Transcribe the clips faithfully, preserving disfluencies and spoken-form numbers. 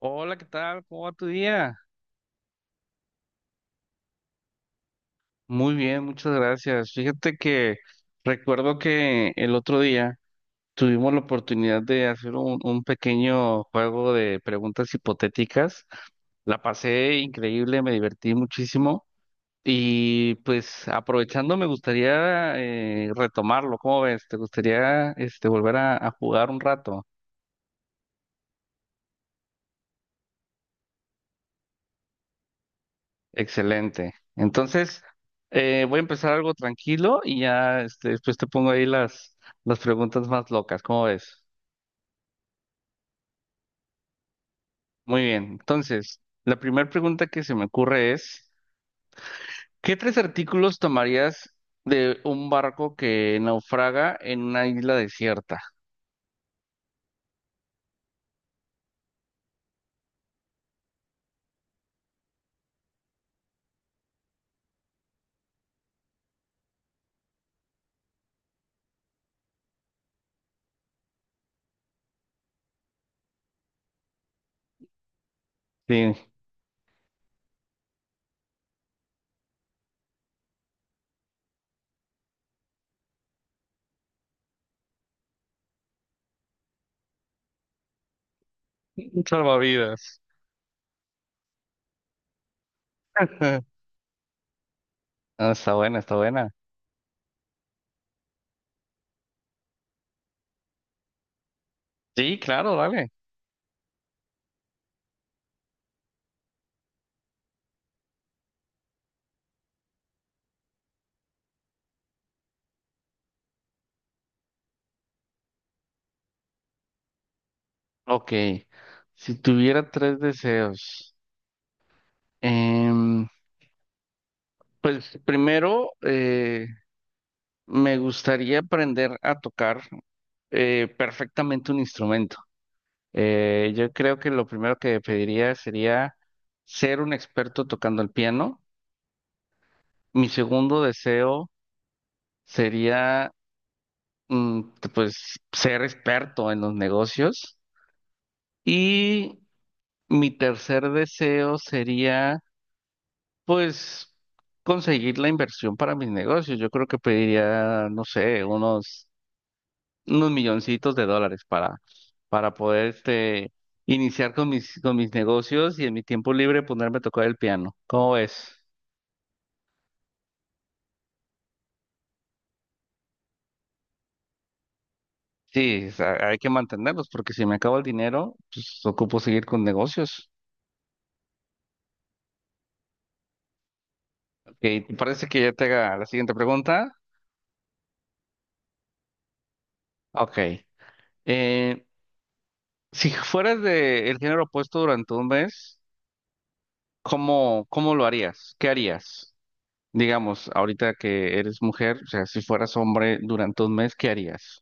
Hola, ¿qué tal? ¿Cómo va tu día? Muy bien, muchas gracias. Fíjate que recuerdo que el otro día tuvimos la oportunidad de hacer un, un pequeño juego de preguntas hipotéticas. La pasé increíble, me divertí muchísimo y pues aprovechando me gustaría eh, retomarlo. ¿Cómo ves? ¿Te gustaría este, volver a a jugar un rato? Excelente. Entonces, eh, voy a empezar algo tranquilo y ya este, después te pongo ahí las, las preguntas más locas. ¿Cómo ves? Muy bien. Entonces, la primera pregunta que se me ocurre es, ¿qué tres artículos tomarías de un barco que naufraga en una isla desierta? Sí, un salvavidas. Ah, está buena, está buena. Sí, claro, dale. Ok. Si tuviera tres deseos, em, pues primero, eh, me gustaría aprender a tocar eh, perfectamente un instrumento. Eh, yo creo que lo primero que pediría sería ser un experto tocando el piano. Mi segundo deseo sería, mm, pues, ser experto en los negocios. Y mi tercer deseo sería, pues, conseguir la inversión para mis negocios. Yo creo que pediría, no sé, unos unos milloncitos de dólares para, para poder este, iniciar con mis, con mis negocios y en mi tiempo libre ponerme a tocar el piano. ¿Cómo ves? Sí, o sea, hay que mantenerlos porque si me acabo el dinero, pues ocupo seguir con negocios. Ok, ¿te parece que ya te haga la siguiente pregunta? Ok. Eh, si fueras de el género opuesto durante un mes, ¿cómo, ¿cómo lo harías? ¿Qué harías? Digamos, ahorita que eres mujer, o sea, si fueras hombre durante un mes, ¿qué harías?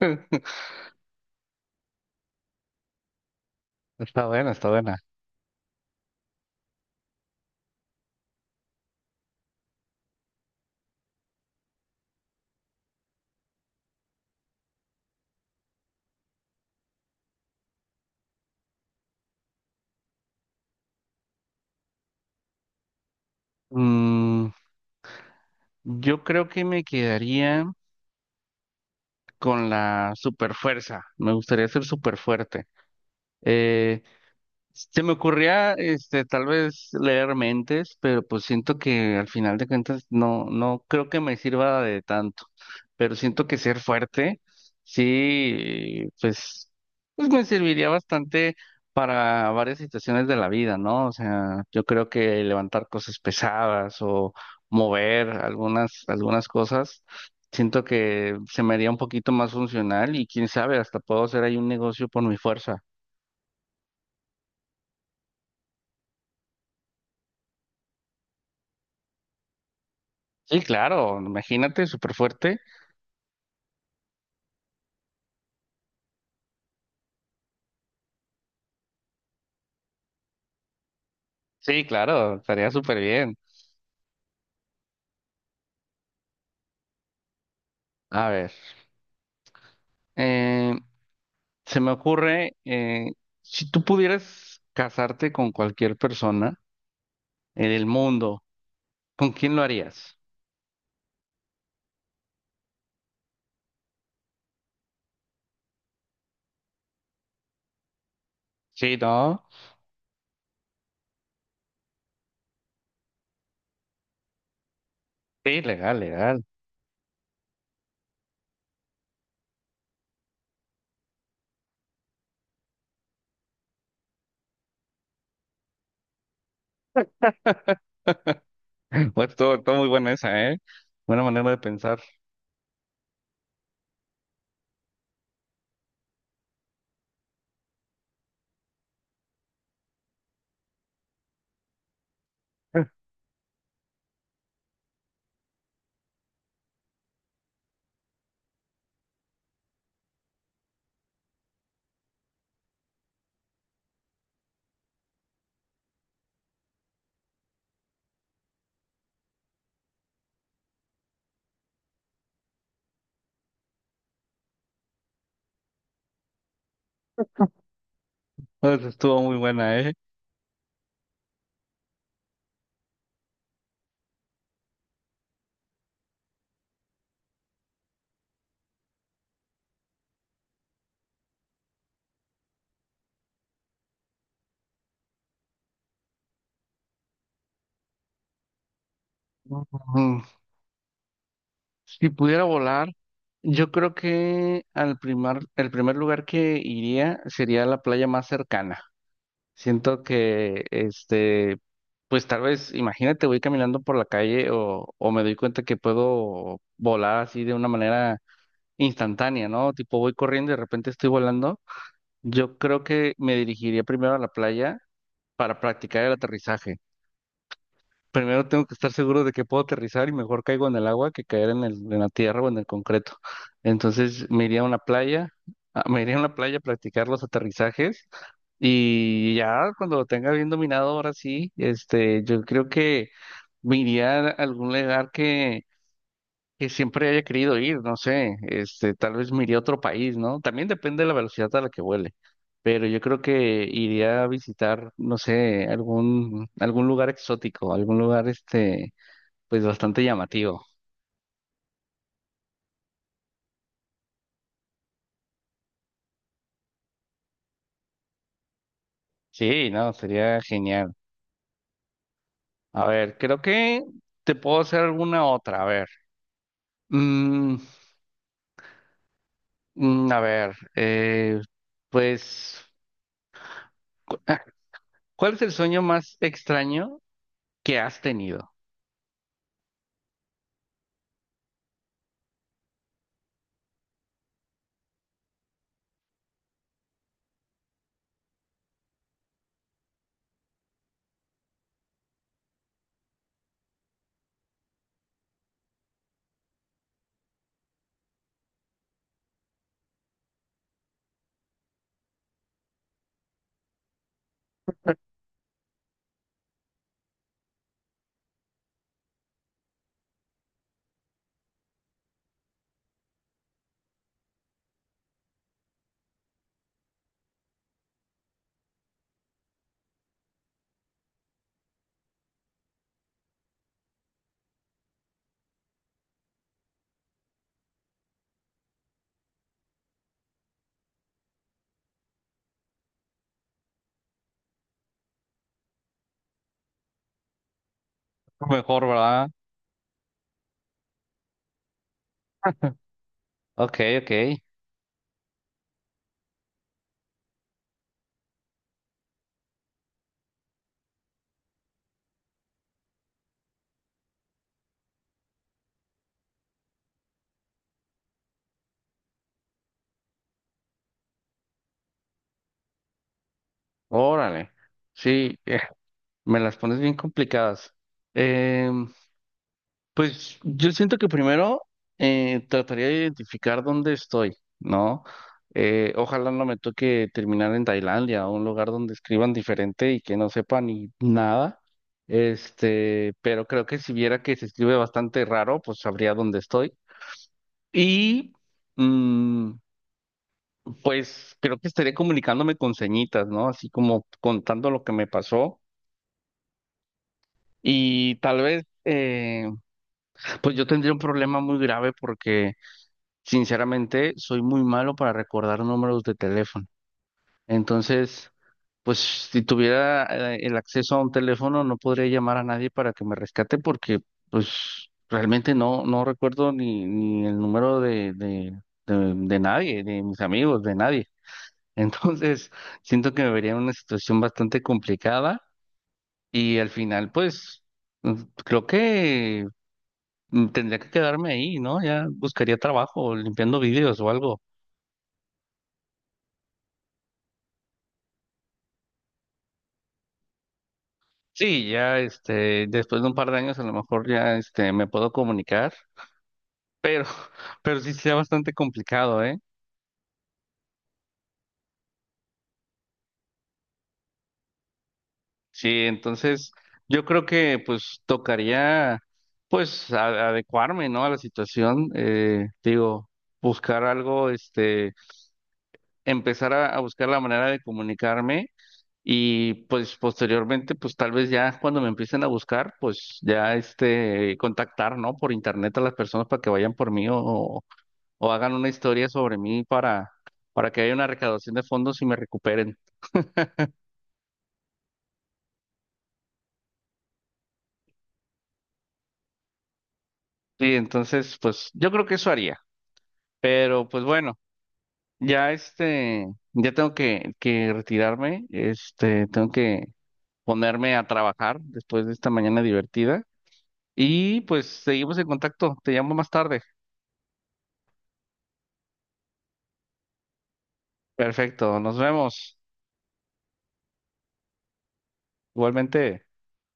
Está buena, está buena. Mm, yo creo que me quedaría con la super fuerza. Me gustaría ser súper fuerte. Se me ocurría, este, tal vez leer mentes, pero pues siento que al final de cuentas no, no creo que me sirva de tanto. Pero siento que ser fuerte, sí, pues, pues me serviría bastante para varias situaciones de la vida, ¿no? O sea, yo creo que levantar cosas pesadas o mover algunas, algunas cosas, siento que se me haría un poquito más funcional y quién sabe, hasta puedo hacer ahí un negocio por mi fuerza. Sí, claro, imagínate, súper fuerte. Sí, claro, estaría súper bien. A ver, eh, se me ocurre, eh, si tú pudieras casarte con cualquier persona en el mundo, ¿con quién lo harías? Sí, ¿no? Sí, legal, legal. Pues estuvo, estuvo muy buena esa, ¿eh? Buena manera de pensar. Pues, estuvo muy buena, ¿eh? Ujú. Si pudiera volar, yo creo que al primer, el primer lugar que iría sería la playa más cercana. Siento que, este, pues tal vez, imagínate, voy caminando por la calle o, o me doy cuenta que puedo volar así de una manera instantánea, ¿no? Tipo, voy corriendo y de repente estoy volando. Yo creo que me dirigiría primero a la playa para practicar el aterrizaje. Primero tengo que estar seguro de que puedo aterrizar y mejor caigo en el agua que caer en el, en la tierra o en el concreto. Entonces me iría a una playa, ah, me iría a una playa a practicar los aterrizajes y ya cuando lo tenga bien dominado, ahora sí, este, yo creo que me iría a algún lugar que, que siempre haya querido ir, no sé, este, tal vez me iría a otro país, ¿no? También depende de la velocidad a la que vuele, pero yo creo que iría a visitar, no sé, algún, algún lugar exótico, algún lugar, este, pues bastante llamativo. Sí, no, sería genial. A ver, creo que te puedo hacer alguna otra, a ver. Mm, Mm, a ver, eh, pues, cu- ah, ¿cuál es el sueño más extraño que has tenido? Mejor, ¿verdad? Ok, ok. Órale. Sí, eh, me las pones bien complicadas. Em, Pues yo siento que primero eh, trataría de identificar dónde estoy, ¿no? Eh, ojalá no me toque terminar en Tailandia, o un lugar donde escriban diferente y que no sepa ni nada. Este, pero creo que si viera que se escribe bastante raro, pues sabría dónde estoy. Y mm, pues creo que estaría comunicándome con señitas, ¿no? Así como contando lo que me pasó. Y tal vez, eh, pues yo tendría un problema muy grave porque sinceramente, soy muy malo para recordar números de teléfono. Entonces, pues si tuviera eh, el acceso a un teléfono, no podría llamar a nadie para que me rescate porque, pues, realmente no, no recuerdo ni, ni el número de, de, de, de nadie, de mis amigos, de nadie. Entonces, siento que me vería en una situación bastante complicada y al final, pues, mm, creo que mm, tendría que quedarme ahí, ¿no? Ya buscaría trabajo limpiando vídeos o algo. Sí, ya este, después de un par de años a lo mejor ya este, me puedo comunicar, pero sí sea bastante complicado, ¿eh? Sí, entonces yo creo que pues tocaría pues a- adecuarme, ¿no? A la situación, eh, digo, buscar algo, este, empezar a, a buscar la manera de comunicarme y pues posteriormente pues tal vez ya cuando me empiecen a buscar pues ya este, contactar, ¿no? Por internet a las personas para que vayan por mí o o hagan una historia sobre mí para, para que haya una recaudación de fondos y me recuperen. Sí, entonces, pues yo creo que eso haría. Pero pues bueno, ya este, ya tengo que, que retirarme, este, tengo que ponerme a trabajar después de esta mañana divertida. Y pues seguimos en contacto, te llamo más tarde. Perfecto, nos vemos. Igualmente.